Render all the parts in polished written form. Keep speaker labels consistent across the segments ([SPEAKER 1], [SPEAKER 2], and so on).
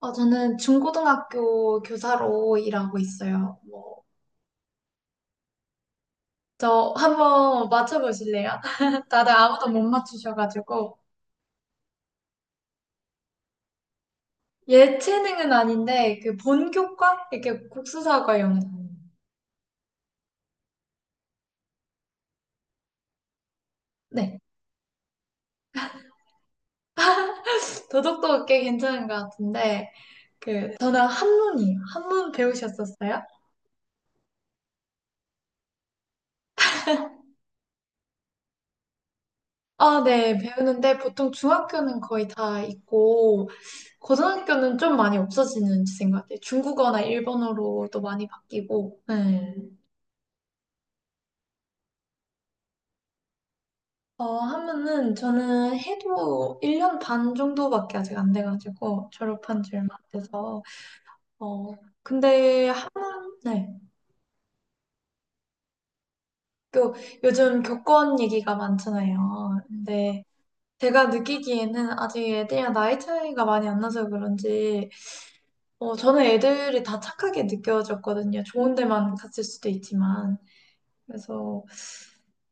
[SPEAKER 1] 어, 저는 중고등학교 교사로 일하고 있어요. 뭐, 저 한번 맞춰보실래요? 다들 아무도 못 맞추셔가지고. 예체능은 아닌데, 그 본교과? 이렇게 국수사과 영상. 네. 도덕도 꽤 괜찮은 것 같은데, 그, 저는 한문이에요. 한문 배우셨었어요? 아, 네. 배우는데 보통 중학교는 거의 다 있고, 고등학교는 좀 많이 없어지는 추세인 것 같아요. 중국어나 일본어로도 많이 바뀌고, 네. 어, 하면은 저는 해도 1년 반 정도밖에 아직 안 돼가지고 졸업한 지 얼마 안 돼서 어, 근데 하는 네. 또 요즘 교권 얘기가 많잖아요. 근데 제가 느끼기에는 아직 애들이랑 나이 차이가 많이 안 나서 그런지 어, 저는 애들이 다 착하게 느껴졌거든요. 좋은 데만 갔을 수도 있지만 그래서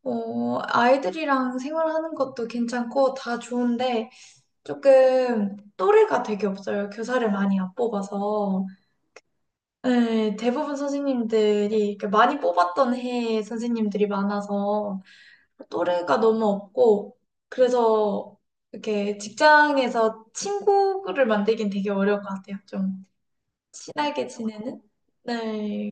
[SPEAKER 1] 어, 아이들이랑 생활하는 것도 괜찮고 다 좋은데 조금 또래가 되게 없어요. 교사를 많이 안 뽑아서. 네, 대부분 선생님들이 이렇게 많이 뽑았던 해 선생님들이 많아서 또래가 너무 없고 그래서 이렇게 직장에서 친구를 만들긴 되게 어려울 것 같아요. 좀 친하게 지내는? 네.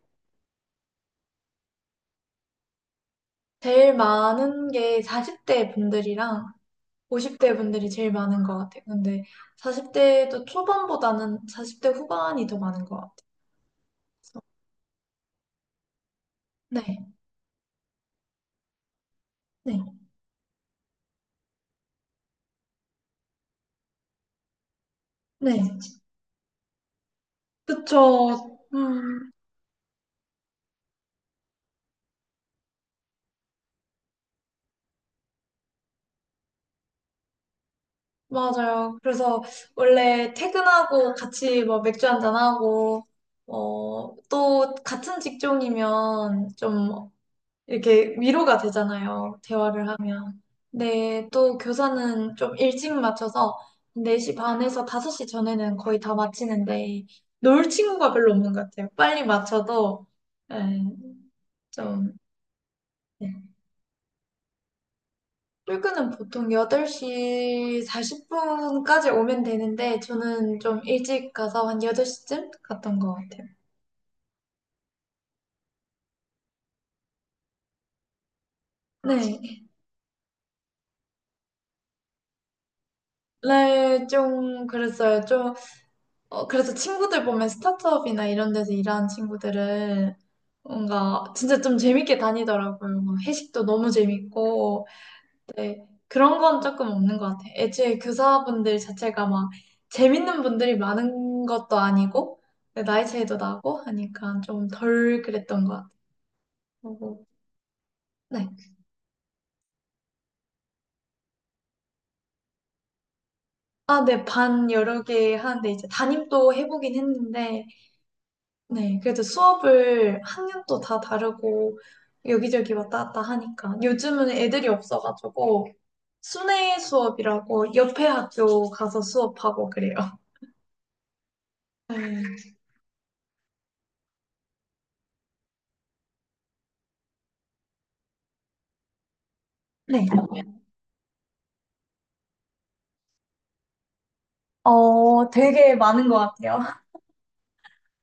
[SPEAKER 1] 제일 많은 게 40대 분들이랑 50대 분들이 제일 많은 것 같아요. 근데 40대도 초반보다는 40대 후반이 더 많은 것 같아요. 그래서 네. 네, 네, 그쵸. 맞아요. 그래서 원래 퇴근하고 같이 뭐 맥주 한잔하고, 어, 또 같은 직종이면 좀 이렇게 위로가 되잖아요. 대화를 하면. 네, 또 교사는 좀 일찍 맞춰서 4시 반에서 5시 전에는 거의 다 마치는데, 놀 친구가 별로 없는 것 같아요. 빨리 맞춰도, 에, 좀. 네. 출근은 보통 8시 40분까지 오면 되는데, 저는 좀 일찍 가서 한 8시쯤 갔던 것 같아요. 네. 네, 좀 그랬어요. 좀, 어, 그래서 친구들 보면 스타트업이나 이런 데서 일하는 친구들은 뭔가 진짜 좀 재밌게 다니더라고요. 뭐 회식도 너무 재밌고, 네, 그런 건 조금 없는 것 같아요. 애초에 교사분들 자체가 막 재밌는 분들이 많은 것도 아니고, 네, 나이 차이도 나고 하니까 좀 덜 그랬던 것 같아요. 그리고, 네. 아, 네, 반 여러 개 하는데 이제 담임도 해보긴 했는데, 네, 그래도 수업을 학년도 다 다르고 여기저기 왔다 갔다 하니까 요즘은 애들이 없어가지고 순회 수업이라고 옆에 학교 가서 수업하고 그래요. 네. 네. 어, 되게 많은 것 같아요.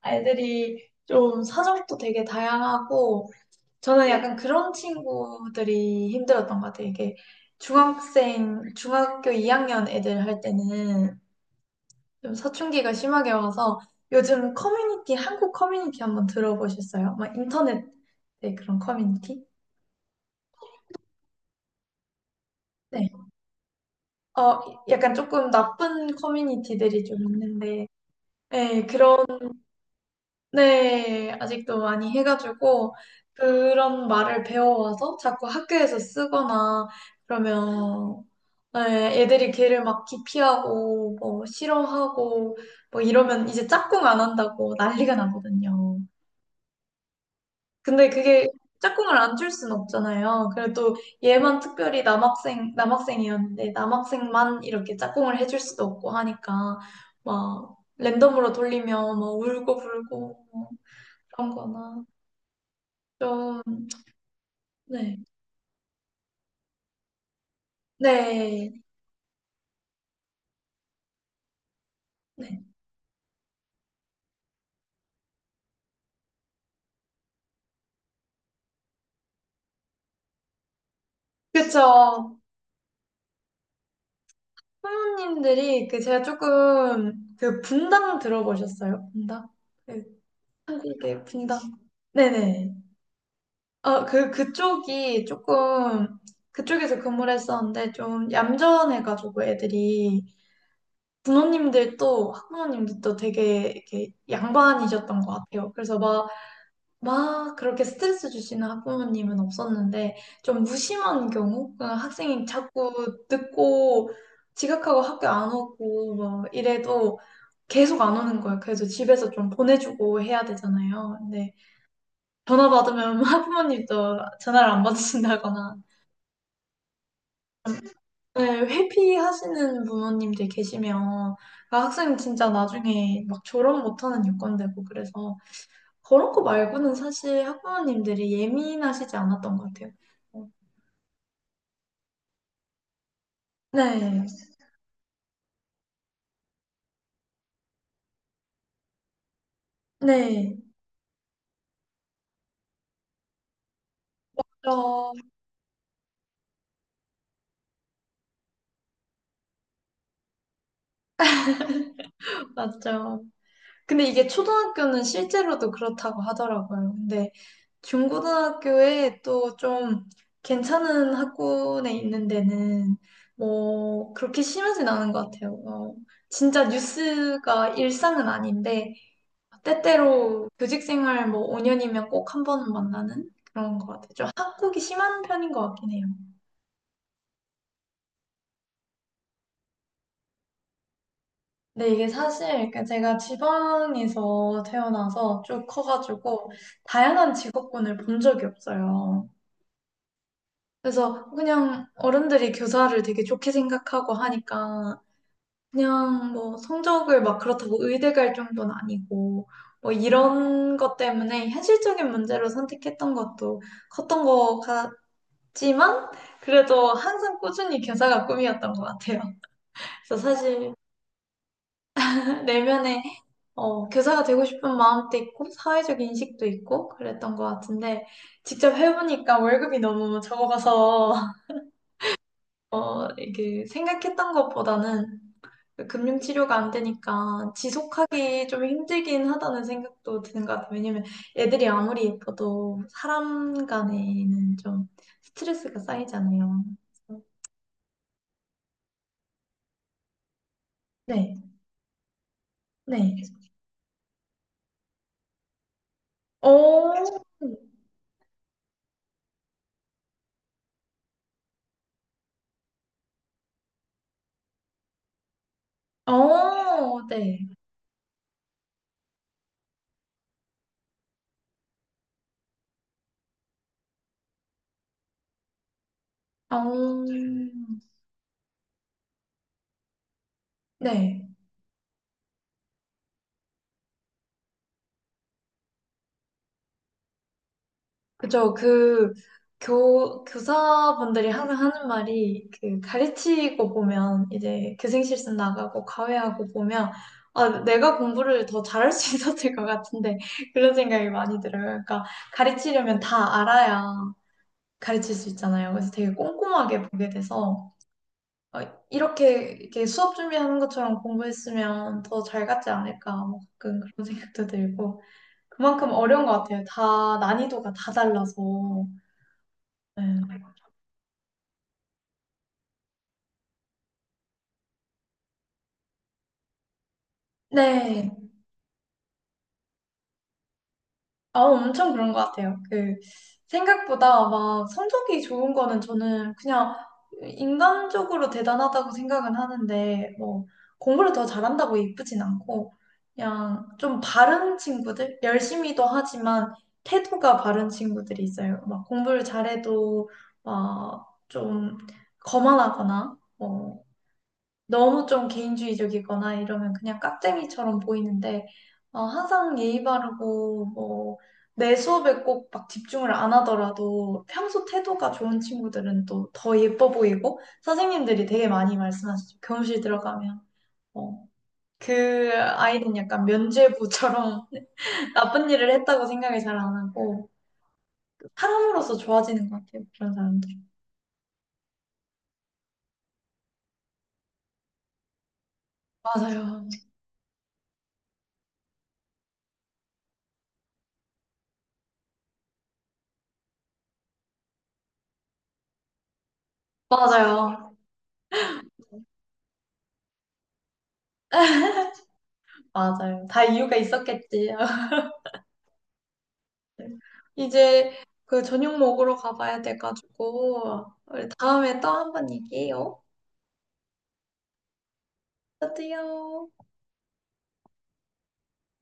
[SPEAKER 1] 애들이 좀 사정도 되게 다양하고, 저는 약간 그런 친구들이 힘들었던 것 같아요. 이게 중학생, 중학교 2학년 애들 할 때는 좀 사춘기가 심하게 와서 요즘 커뮤니티, 한국 커뮤니티 한번 들어보셨어요? 막 인터넷, 네, 그런 커뮤니티? 네. 어, 약간 조금 나쁜 커뮤니티들이 좀 있는데, 네, 그런 네, 아직도 많이 해가지고 그런 말을 배워와서 자꾸 학교에서 쓰거나 그러면 네, 애들이 걔를 막 기피하고 뭐 싫어하고 뭐 이러면 이제 짝꿍 안 한다고 난리가 나거든요. 근데 그게 짝꿍을 안 줄 순 없잖아요. 그래도 얘만 특별히 남학생 남학생이었는데 남학생만 이렇게 짝꿍을 해줄 수도 없고 하니까 막 랜덤으로 돌리면 막 울고 불고 뭐 그런 거나 좀, 네. 네. 네. 그쵸. 부모님들이, 그, 제가 조금, 그, 분당 들어보셨어요? 분당? 그, 한국의 분당. 네네. 어, 그, 그쪽이 조금, 그쪽에서 근무를 했었는데, 좀 얌전해가지고 애들이, 부모님들도, 학부모님들도 되게, 이렇게, 양반이셨던 것 같아요. 그래서 막 그렇게 스트레스 주시는 학부모님은 없었는데 좀 무심한 경우 그냥 학생이 자꾸 늦고 지각하고 학교 안 오고 막 이래도 계속 안 오는 거예요. 그래서 집에서 좀 보내주고 해야 되잖아요. 근데 전화 받으면 학부모님도 전화를 안 받으신다거나 네, 회피하시는 부모님들 계시면 아, 학생 진짜 나중에 막 졸업 못하는 요건 되고 그래서 그런 거 말고는 사실 학부모님들이 예민하시지 않았던 것 같아요. 어. 네, 네, 어, 맞죠. 근데 이게 초등학교는 실제로도 그렇다고 하더라고요. 근데 중고등학교에 또 좀 괜찮은 학군에 있는 데는 뭐 그렇게 심하진 않은 것 같아요. 어, 진짜 뉴스가 일상은 아닌데 때때로 교직 생활 뭐 5년이면 꼭 한 번은 만나는 그런 것 같아요. 좀 학국이 심한 편인 것 같긴 해요. 근데 이게 사실 그 제가 지방에서 태어나서 쭉 커가지고 다양한 직업군을 본 적이 없어요. 그래서 그냥 어른들이 교사를 되게 좋게 생각하고 하니까 그냥 뭐 성적을 막 그렇다고 의대 갈 정도는 아니고 뭐 이런 것 때문에 현실적인 문제로 선택했던 것도 컸던 것 같지만 그래도 항상 꾸준히 교사가 꿈이었던 것 같아요. 그래서 사실 내면에 어, 교사가 되고 싶은 마음도 있고, 사회적 인식도 있고, 그랬던 것 같은데, 직접 해보니까 월급이 너무 적어서, 어, 이게 생각했던 것보다는 그 금융치료가 안 되니까 지속하기 좀 힘들긴 하다는 생각도 드는 것 같아요. 왜냐면 애들이 아무리 예뻐도 사람 간에는 좀 스트레스가 쌓이잖아요. 그래서 네, 네. 어, 어, 네. 어, 네. 그죠. 그, 교사분들이 항상 하는 말이, 그, 가르치고 보면, 이제 교생실습 나가고 과외하고 보면, 아, 내가 공부를 더 잘할 수 있었을 것 같은데, 그런 생각이 많이 들어요. 그러니까, 가르치려면 다 알아야 가르칠 수 있잖아요. 그래서 되게 꼼꼼하게 보게 돼서, 어, 이렇게 수업 준비하는 것처럼 공부했으면 더 잘 갔지 않을까, 뭐 가끔 그런 생각도 들고, 그만큼 어려운 것 같아요. 다, 난이도가 다 달라서. 네. 네. 아, 엄청 그런 것 같아요. 그, 생각보다 막 성적이 좋은 거는 저는 그냥 인간적으로 대단하다고 생각은 하는데, 뭐, 공부를 더 잘한다고 예쁘진 않고, 그냥 좀 바른 친구들? 열심히도 하지만 태도가 바른 친구들이 있어요. 막 공부를 잘해도 막 좀 거만하거나, 어, 너무 좀 개인주의적이거나 이러면 그냥 깍쟁이처럼 보이는데, 어, 항상 예의 바르고, 뭐, 내 수업에 꼭 막 집중을 안 하더라도 평소 태도가 좋은 친구들은 또 더 예뻐 보이고, 선생님들이 되게 많이 말씀하시죠. 교무실 들어가면. 어, 그 아이는 약간 면죄부처럼 나쁜 일을 했다고 생각을 잘 안 하고, 사람으로서 좋아지는 것 같아요. 그런 사람들. 맞아요. 맞아요. 맞아요. 다 이유가 있었겠지. 네. 이제 그 저녁 먹으러 가봐야 돼가지고 우리 다음에 또 한 번 얘기해요. 저도요.